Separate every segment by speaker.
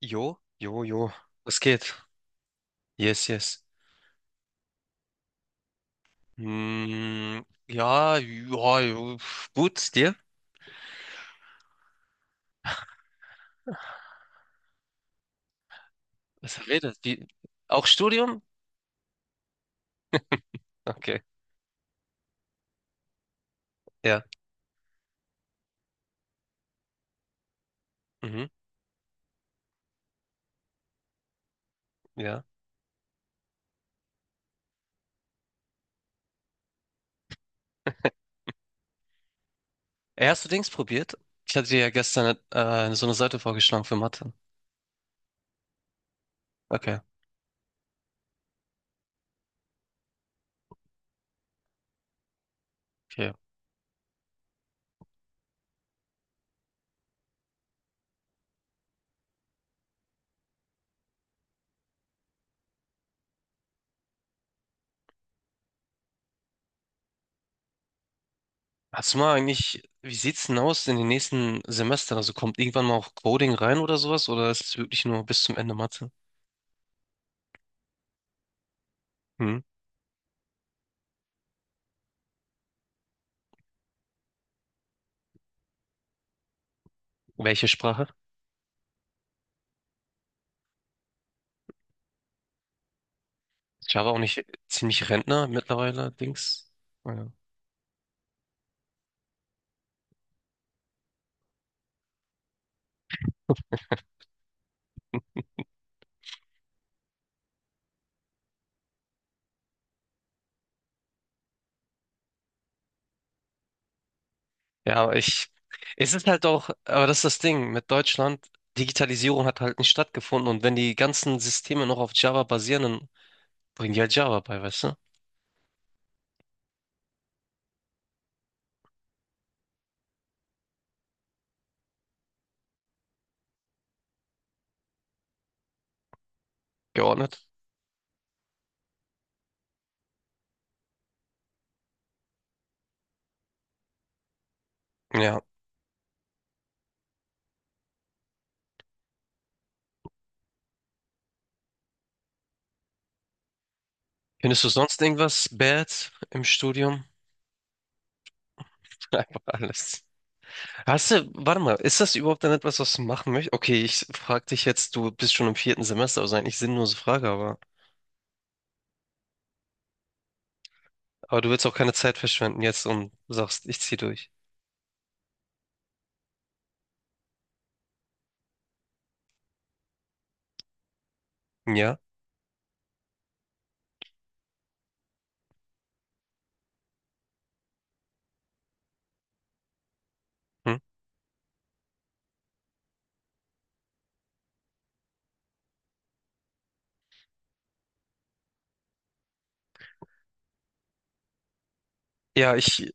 Speaker 1: Jo, jo, jo. Was geht? Yes, yes. Hm, ja, ja, jo, gut, dir? Was redet? Wie? Auch Studium? Okay, ja. Mhm, ja. Ey, hast du Dings probiert? Ich hatte dir ja gestern so eine Seite vorgeschlagen für Mathe. Okay, okay. Hast du mal eigentlich, wie sieht's denn aus in den nächsten Semestern? Also kommt irgendwann mal auch Coding rein oder sowas? Oder ist es wirklich nur bis zum Ende Mathe? Hm? Welche Sprache? Java auch nicht ziemlich Rentner mittlerweile, Dings? Ja. Ja, aber ich, es ist halt auch, aber das ist das Ding mit Deutschland. Digitalisierung hat halt nicht stattgefunden, und wenn die ganzen Systeme noch auf Java basieren, dann bringen die halt Java bei, weißt du? Geordnet. Ja. Findest du sonst irgendwas bad im Studium? Einfach alles. Warte mal, ist das überhaupt dann etwas, was du machen möchtest? Okay, ich frag dich jetzt, du bist schon im vierten Semester, also eigentlich sinnlose Frage, aber du willst auch keine Zeit verschwenden jetzt und sagst, ich zieh durch. Ja? Hm? Ja, ich,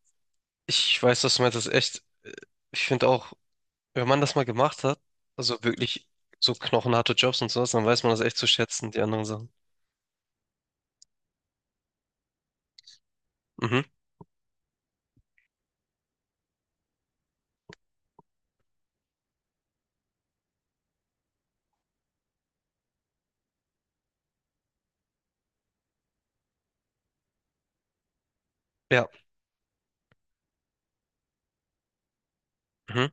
Speaker 1: ich weiß, was du meinst, das ist echt, ich finde auch, wenn man das mal gemacht hat, also wirklich so knochenharte Jobs und sowas, dann weiß man das echt zu schätzen, die anderen Sachen. Mhm. Ja. Mhm.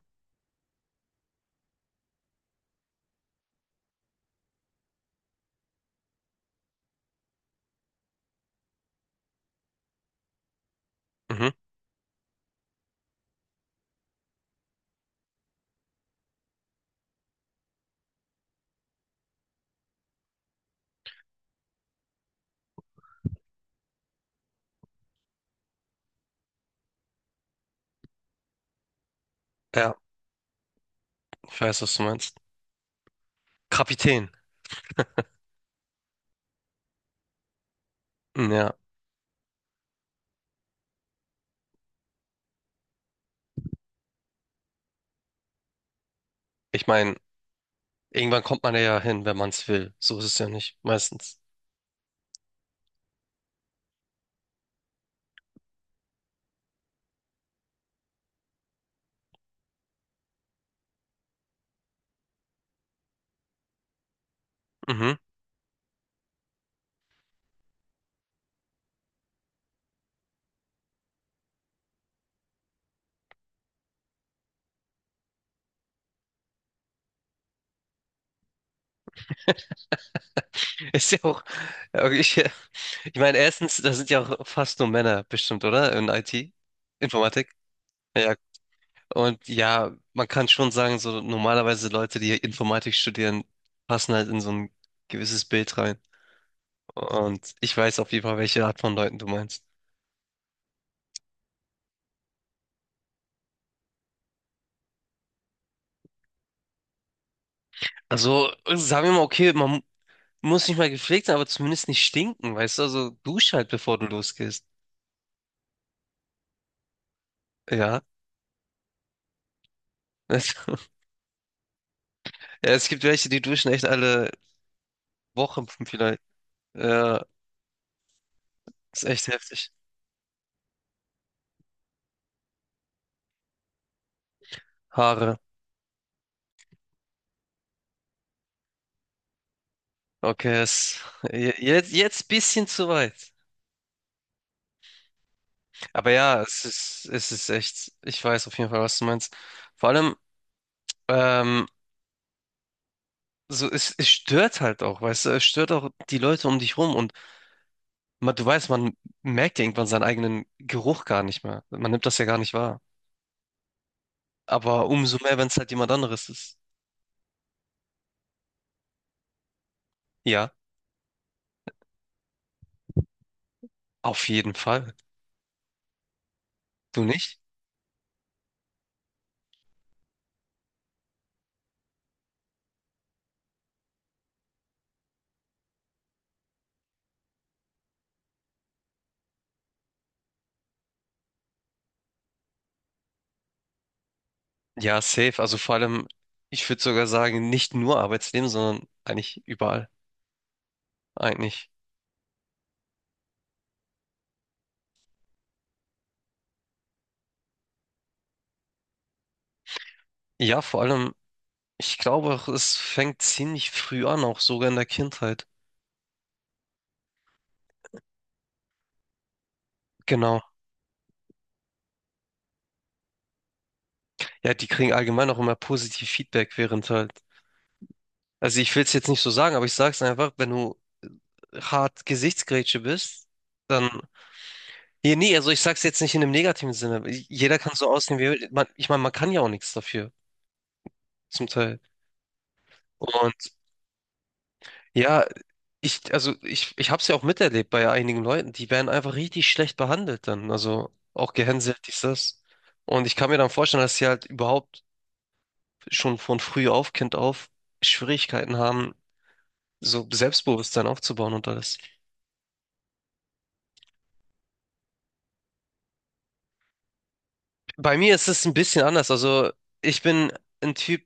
Speaker 1: Mhm. Ja, ich weiß, was du meinst. Kapitän. Hm, ja. Ich meine, irgendwann kommt man ja hin, wenn man es will. So ist es ja nicht, meistens. Mhm. Ist ja auch, ja, okay, ich meine, erstens, da sind ja auch fast nur Männer bestimmt, oder? In IT, Informatik. Ja, und ja, man kann schon sagen, so normalerweise Leute, die Informatik studieren, passen halt in so ein gewisses Bild rein. Und ich weiß auf jeden Fall, welche Art von Leuten du meinst. Also, sagen wir mal, okay, man muss nicht mal gepflegt sein, aber zumindest nicht stinken, weißt du? Also, dusch halt, bevor du losgehst. Ja. Also, ja, es gibt welche, die duschen echt alle Wochen vielleicht. Ja, ist echt heftig. Haare. Okay, es, jetzt, jetzt bisschen zu weit. Aber ja, es ist echt, ich weiß auf jeden Fall, was du meinst. Vor allem, ähm, so, es stört halt auch, weißt du, es stört auch die Leute um dich rum. Und Man, du weißt, man merkt ja irgendwann seinen eigenen Geruch gar nicht mehr. Man nimmt das ja gar nicht wahr. Aber umso mehr, wenn es halt jemand anderes ist. Ja, auf jeden Fall. Du nicht? Ja, safe. Also vor allem, ich würde sogar sagen, nicht nur Arbeitsleben, sondern eigentlich überall. Eigentlich. Ja, vor allem, ich glaube auch, es fängt ziemlich früh an, auch sogar in der Kindheit. Genau. Ja, die kriegen allgemein auch immer positiv Feedback während halt. Also ich will es jetzt nicht so sagen, aber ich sag's einfach, wenn du hart Gesichtsgrätsche bist, dann Nee, nee, also ich sag's jetzt nicht in einem negativen Sinne. Jeder kann so aussehen, wie er will. Man, ich meine, man kann ja auch nichts dafür, zum Teil. Und ja, ich hab's ja auch miterlebt bei einigen Leuten, die werden einfach richtig schlecht behandelt dann. Also auch gehänselt, dies, das. Und ich kann mir dann vorstellen, dass sie halt überhaupt schon von früh auf, Kind auf, Schwierigkeiten haben, so Selbstbewusstsein aufzubauen und alles. Bei mir ist es ein bisschen anders. Also ich bin ein Typ,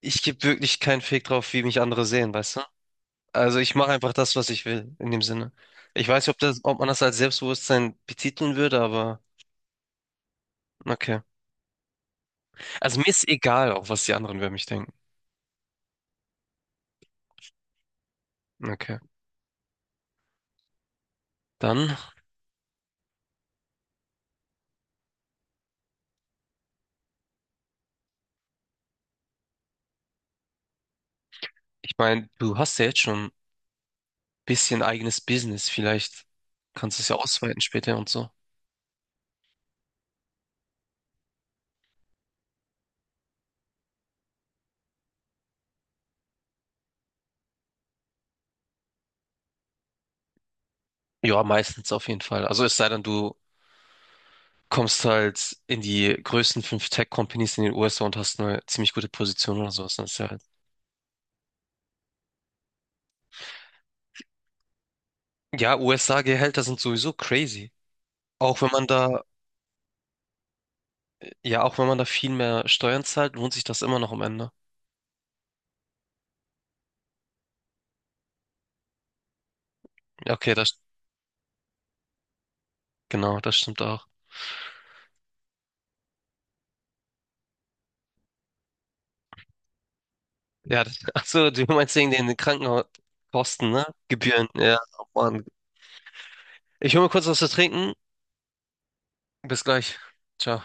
Speaker 1: ich gebe wirklich keinen Fick drauf, wie mich andere sehen, weißt du? Also ich mache einfach das, was ich will, in dem Sinne. Ich weiß nicht, ob das, ob man das als Selbstbewusstsein betiteln würde, aber okay. Also mir ist egal, auch was die anderen über mich denken. Okay. Dann, ich meine, du hast ja jetzt schon ein bisschen eigenes Business. Vielleicht kannst du es ja ausweiten später und so. Ja, meistens auf jeden Fall. Also es sei denn, du kommst halt in die größten fünf Tech-Companies in den USA und hast eine ziemlich gute Position oder sowas. Dann ist ja halt. Ja, USA-Gehälter sind sowieso crazy. Auch wenn man da Ja, auch wenn man da viel mehr Steuern zahlt, lohnt sich das immer noch am Ende. Ja, okay, das, genau, das stimmt auch. Ja, das, ach so, du meinst wegen den Krankenhauskosten, ne? Gebühren, ja, oh Mann. Ich hole mir kurz was zu trinken. Bis gleich. Ciao.